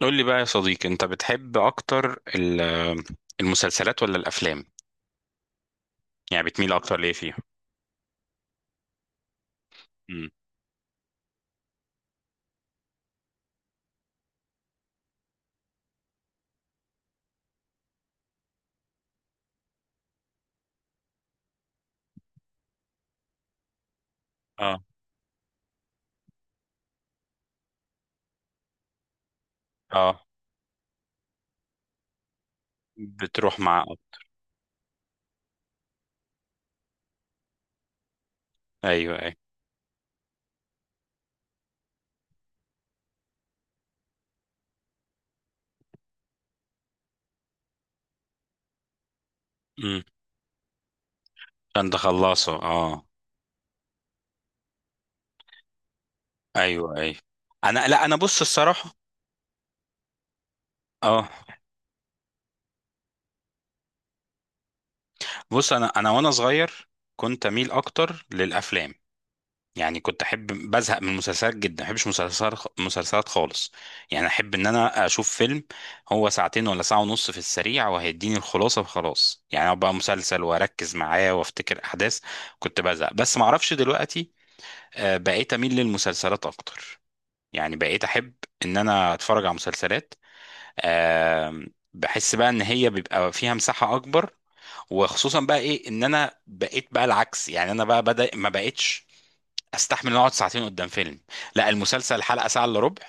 قول لي بقى يا صديقي، انت بتحب اكتر المسلسلات ولا الافلام؟ يعني بتميل اكتر ليه فيها؟ امم اه. اه. بتروح مع. ايوه، ايوه. امم انت خلصه، اه. ايوه، ايوه. لا، انا بص الصراحه. اه. بص، انا وانا صغير كنت اميل اكتر للافلام، يعني كنت احب، بزهق من المسلسلات جدا، ما بحبش مسلسلات مسلسلات خالص. يعني احب ان انا اشوف فيلم، هو ساعتين ولا ساعة ونص، في السريع وهيديني الخلاصة وخلاص، يعني ابقى مسلسل واركز معاه وافتكر احداث. كنت بزهق، بس ما اعرفش دلوقتي. بقيت اميل للمسلسلات اكتر، يعني بقيت احب ان انا اتفرج على مسلسلات. آه، بحس بقى ان هي بيبقى فيها مساحة اكبر. وخصوصا بقى ايه، ان انا بقيت بقى العكس، يعني انا بقى بدأ ما بقيتش استحمل إن اقعد ساعتين قدام فيلم. لا، المسلسل حلقه ساعه الا ربع،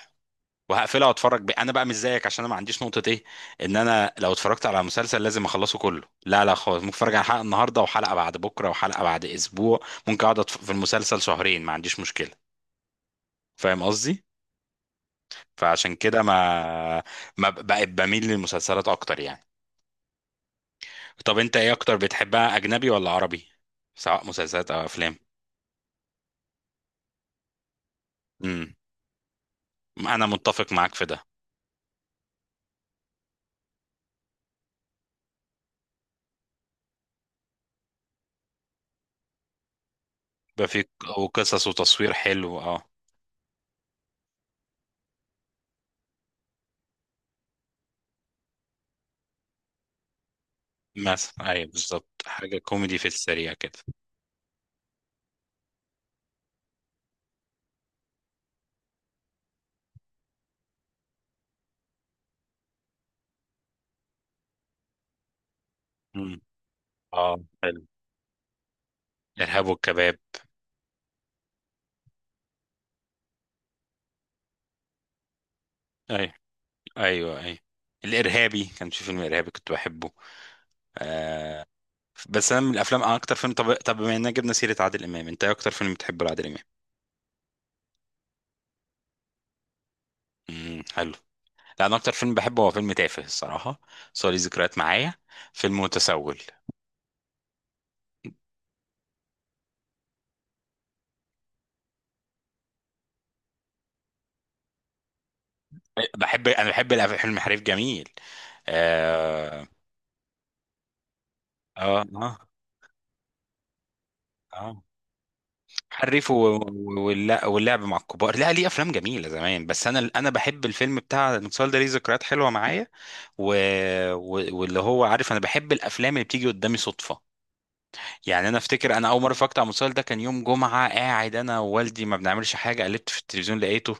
وهقفلها واتفرج بيه. انا بقى مش زيك، عشان انا ما عنديش نقطه ايه، ان انا لو اتفرجت على مسلسل لازم اخلصه كله. لا، لا، خالص، ممكن اتفرج على حلقه النهارده، وحلقه بعد بكره، وحلقه بعد اسبوع. ممكن اقعد في المسلسل شهرين، ما عنديش مشكله. فاهم قصدي؟ فعشان كده ما بقيت بميل للمسلسلات اكتر يعني. طب انت ايه اكتر بتحبها، اجنبي ولا عربي؟ سواء مسلسلات او افلام. امم انا متفق معاك في ده. بقى في وقصص وتصوير حلو، اه. مثلا ايوه بالظبط، حاجه كوميدي في السريع كده. امم اه، حلو. الارهاب والكباب. ايوه، ايوه، ايوه. الارهابي، كان في فيلم ارهابي كنت بحبه. آه. بس انا من الافلام، أنا اكتر فيلم، طب بما اننا جبنا سيره عادل امام، انت ايه اكتر فيلم بتحبه لعادل امام؟ حلو. لا، انا اكتر فيلم بحبه هو فيلم تافه الصراحه، بس هو ليه ذكريات معايا، فيلم متسول. انا بحب فيلم حريف جميل. اه، اه، اه. آه. حريف واللعب مع الكبار، لا ليه افلام جميله زمان، بس انا بحب الفيلم بتاع المسلسل ده، ليه ذكريات حلوه معايا. و... واللي هو عارف، انا بحب الافلام اللي بتيجي قدامي صدفه. يعني انا افتكر، انا اول مره اتفرجت على المسلسل ده كان يوم جمعه، قاعد انا ووالدي ما بنعملش حاجه، قلبت في التلفزيون لقيته.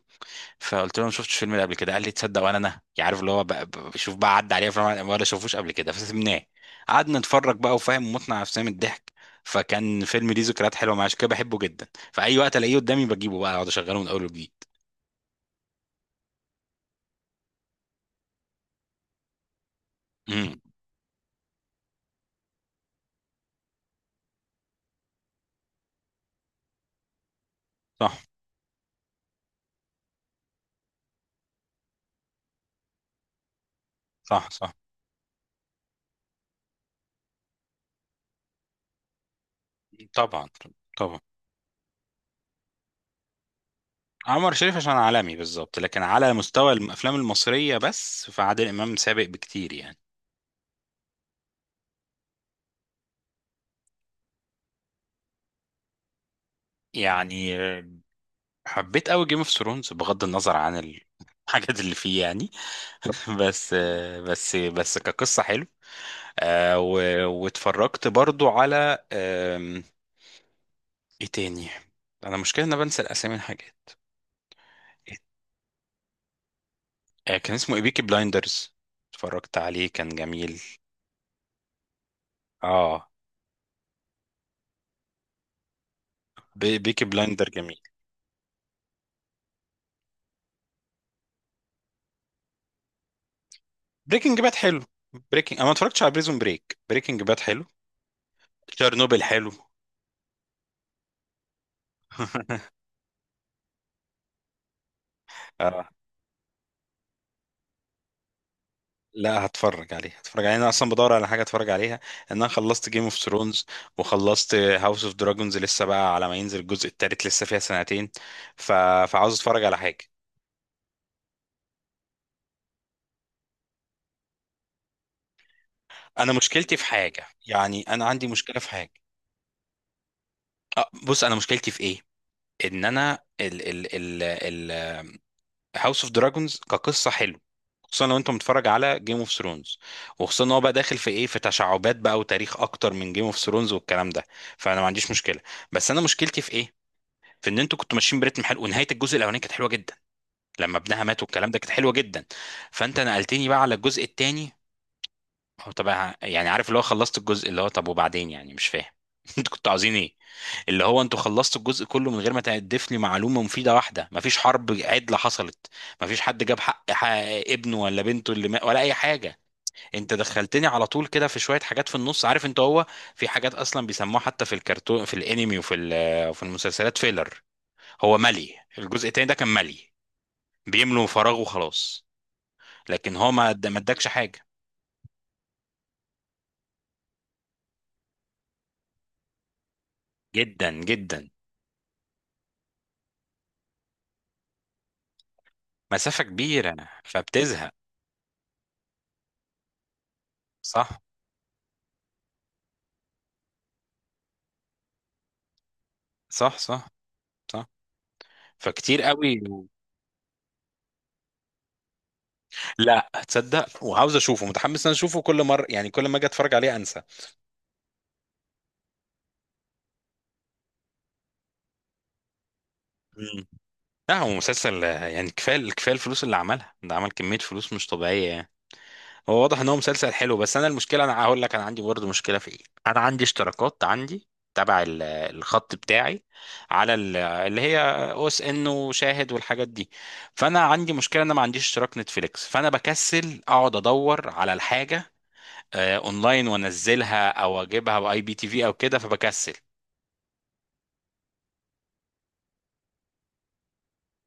فقلت له، أنا ما شفتش الفيلم ده قبل كده. قال لي، تصدق ولا انا يعني عارف اللي هو بقى بشوف بقى عدى عليه افلام ولا شافوش قبل كده، فسيبناه. قعدنا نتفرج بقى، وفاهم، متنا نفسنا من الضحك. فكان فيلم ليه ذكريات حلوه معايا، عشان كده بحبه جدا. فاي وقت الاقيه قدامي بجيبه بقى، اقعد اشغله من اول وجديد. امم صح، صح. صح. طبعا. طبعا. عمر شريف عشان عالمي بالظبط، لكن على مستوى الافلام المصريه بس، فعادل امام سابق بكتير يعني. يعني حبيت قوي جيم اوف ثرونز، بغض النظر عن الحاجات اللي فيه يعني. بس بس كقصة حلو. واتفرجت برضو على ايه تاني؟ انا مشكلة ان انا بنسى الاسامي، الحاجات. كان اسمه ايه، بيكي بلايندرز. اتفرجت عليه كان جميل. اه. بيكي بلايندر جميل. بريكنج باد حلو. انا ما اتفرجتش على بريزون بريك، بريكنج باد حلو. تشيرنوبل حلو. لا، هتفرج عليه، هتفرج عليه. انا اصلا بدور على حاجه اتفرج عليها، ان انا خلصت جيم اوف ثرونز، وخلصت هاوس اوف دراجونز، لسه بقى على ما ينزل الجزء التالت لسه فيها سنتين. ف... فعاوز اتفرج على حاجه. انا مشكلتي في حاجه، يعني انا عندي مشكله في حاجه. أه، بص انا مشكلتي في ايه، ان انا ال ال هاوس اوف دراجونز كقصه حلو، خصوصا لو انت متفرج على جيم اوف ثرونز، وخصوصا ان هو بقى داخل في ايه، في تشعبات بقى وتاريخ اكتر من جيم اوف ثرونز والكلام ده. فانا ما عنديش مشكله، بس انا مشكلتي في ايه، في ان انتوا كنتوا ماشيين برتم حلو، ونهايه الجزء الاولاني كانت حلوه جدا. لما ابنها مات والكلام ده كانت حلوه جدا. فانت نقلتني بقى على الجزء الثاني، هو طبعا يعني، عارف اللي هو خلصت الجزء اللي هو، طب وبعدين يعني مش فاهم؟ انتوا كنتوا عاوزين ايه؟ اللي هو انتوا خلصتوا الجزء كله من غير ما تضيف لي معلومه مفيده واحده، مفيش حرب عدله حصلت، مفيش حد جاب حق ابنه ولا بنته اللي ما، ولا اي حاجه. انت دخلتني على طول كده في شويه حاجات في النص، عارف انت، هو في حاجات اصلا بيسموها حتى في الكرتون، في الانمي، وفي وفي المسلسلات، فيلر. هو ملي، الجزء التاني ده كان ملي، بيملوا فراغ وخلاص. لكن هو ما ادكش حاجه. جدا جدا، مسافه كبيره، فبتزهق. صح، صح. صح. صح. فكتير قوي. لا تصدق، وعاوز اشوفه، متحمس ان أنا اشوفه، كل مره يعني كل ما اجي اتفرج عليه انسى. مم. لا، هو مسلسل، يعني كفايه كفايه الفلوس اللي عملها ده، عمل كميه فلوس مش طبيعيه يعني. هو واضح ان هو مسلسل حلو، بس انا المشكله، انا هقول لك، انا عندي برضه مشكله في ايه، انا عندي اشتراكات، عندي تبع الخط بتاعي، على اللي هي OSN وشاهد والحاجات دي. فانا عندي مشكله ان انا ما عنديش اشتراك نتفليكس، فانا بكسل اقعد ادور على الحاجه اونلاين وانزلها، او اجيبها IPTV او كده، فبكسل.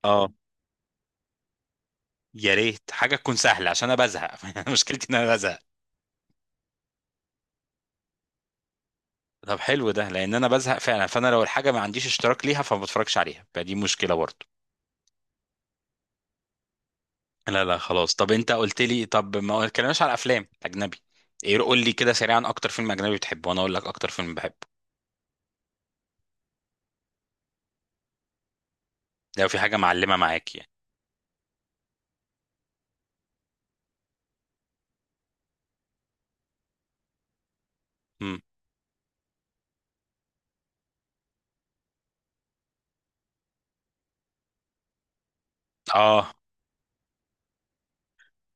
اه، يا ريت حاجه تكون سهله عشان انا بزهق. مشكلتي ان انا بزهق. طب حلو ده، لان انا بزهق فعلا، فانا لو الحاجه ما عنديش اشتراك ليها فما بتفرجش عليها، فدي مشكله برضه. لا، لا، خلاص. طب انت قلت لي، طب ما اتكلمناش على افلام اجنبي؟ ايه، قول لي كده سريعا، اكتر فيلم اجنبي بتحبه وانا اقول لك اكتر فيلم بحبه، لو في حاجه معلمه معاك يعني. امم اه،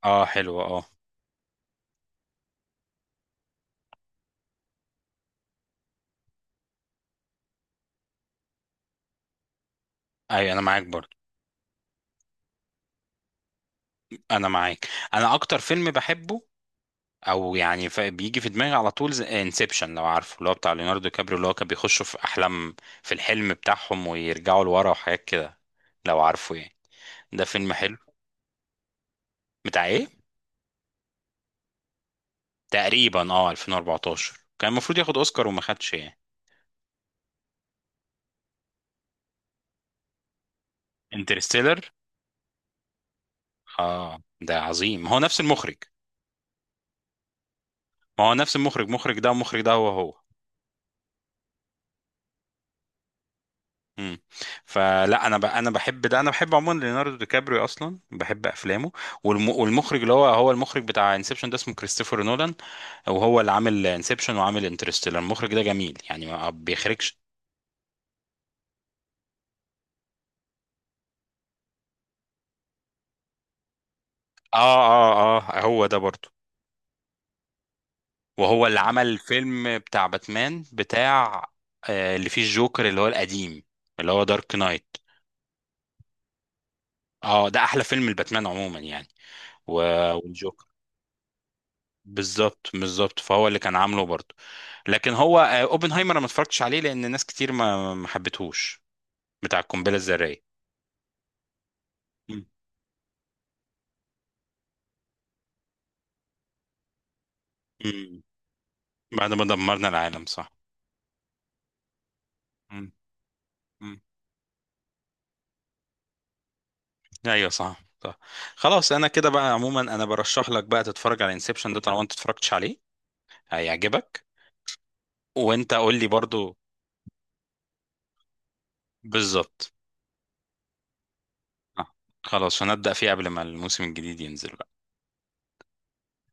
اه، حلو، اه. ايوه، انا معاك برضه. انا معاك. انا اكتر فيلم بحبه، او يعني بيجي في دماغي على طول، انسبشن، لو عارفه اللي هو بتاع ليوناردو كابريو، اللي هو كان بيخشوا في احلام، في الحلم بتاعهم، ويرجعوا لورا وحاجات كده، لو عارفه يعني. ده فيلم حلو. بتاع ايه؟ تقريبا، اه، 2014، كان المفروض ياخد اوسكار وما خدش يعني. انترستيلر. اه، ده عظيم، هو نفس المخرج. ما هو نفس المخرج، مخرج ده ومخرج ده هو هو. امم فلا، انا انا بحب ده، انا بحب عموما ليوناردو دي كابريو، اصلا بحب افلامه. والمخرج اللي هو هو المخرج بتاع انسبشن ده، اسمه كريستوفر نولان. وهو اللي عامل انسبشن وعامل انترستيلر، المخرج ده جميل يعني ما بيخرجش. اه، اه، اه، هو ده برضه. وهو اللي عمل فيلم بتاع باتمان، بتاع اللي فيه الجوكر، اللي هو القديم، اللي هو دارك نايت. اه، ده احلى فيلم الباتمان عموما يعني. و... والجوكر. بالظبط، بالظبط، فهو اللي كان عامله برضه. لكن هو، اوبنهايمر، انا ما اتفرجتش عليه لان ناس كتير ما حبتهوش، بتاع القنبله الذريه. مم. مم. بعد ما دمرنا العالم، صح. مم. مم. ايوه، صح، صح. خلاص، انا كده بقى عموما انا برشح لك بقى تتفرج على انسبشن ده طالما انت اتفرجتش عليه، هيعجبك. وانت قول لي برضه. بالظبط. آه. خلاص، هنبدأ فيه قبل ما الموسم الجديد ينزل بقى.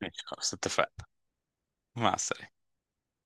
ماشي، خلاص اتفقنا. مع السلامه.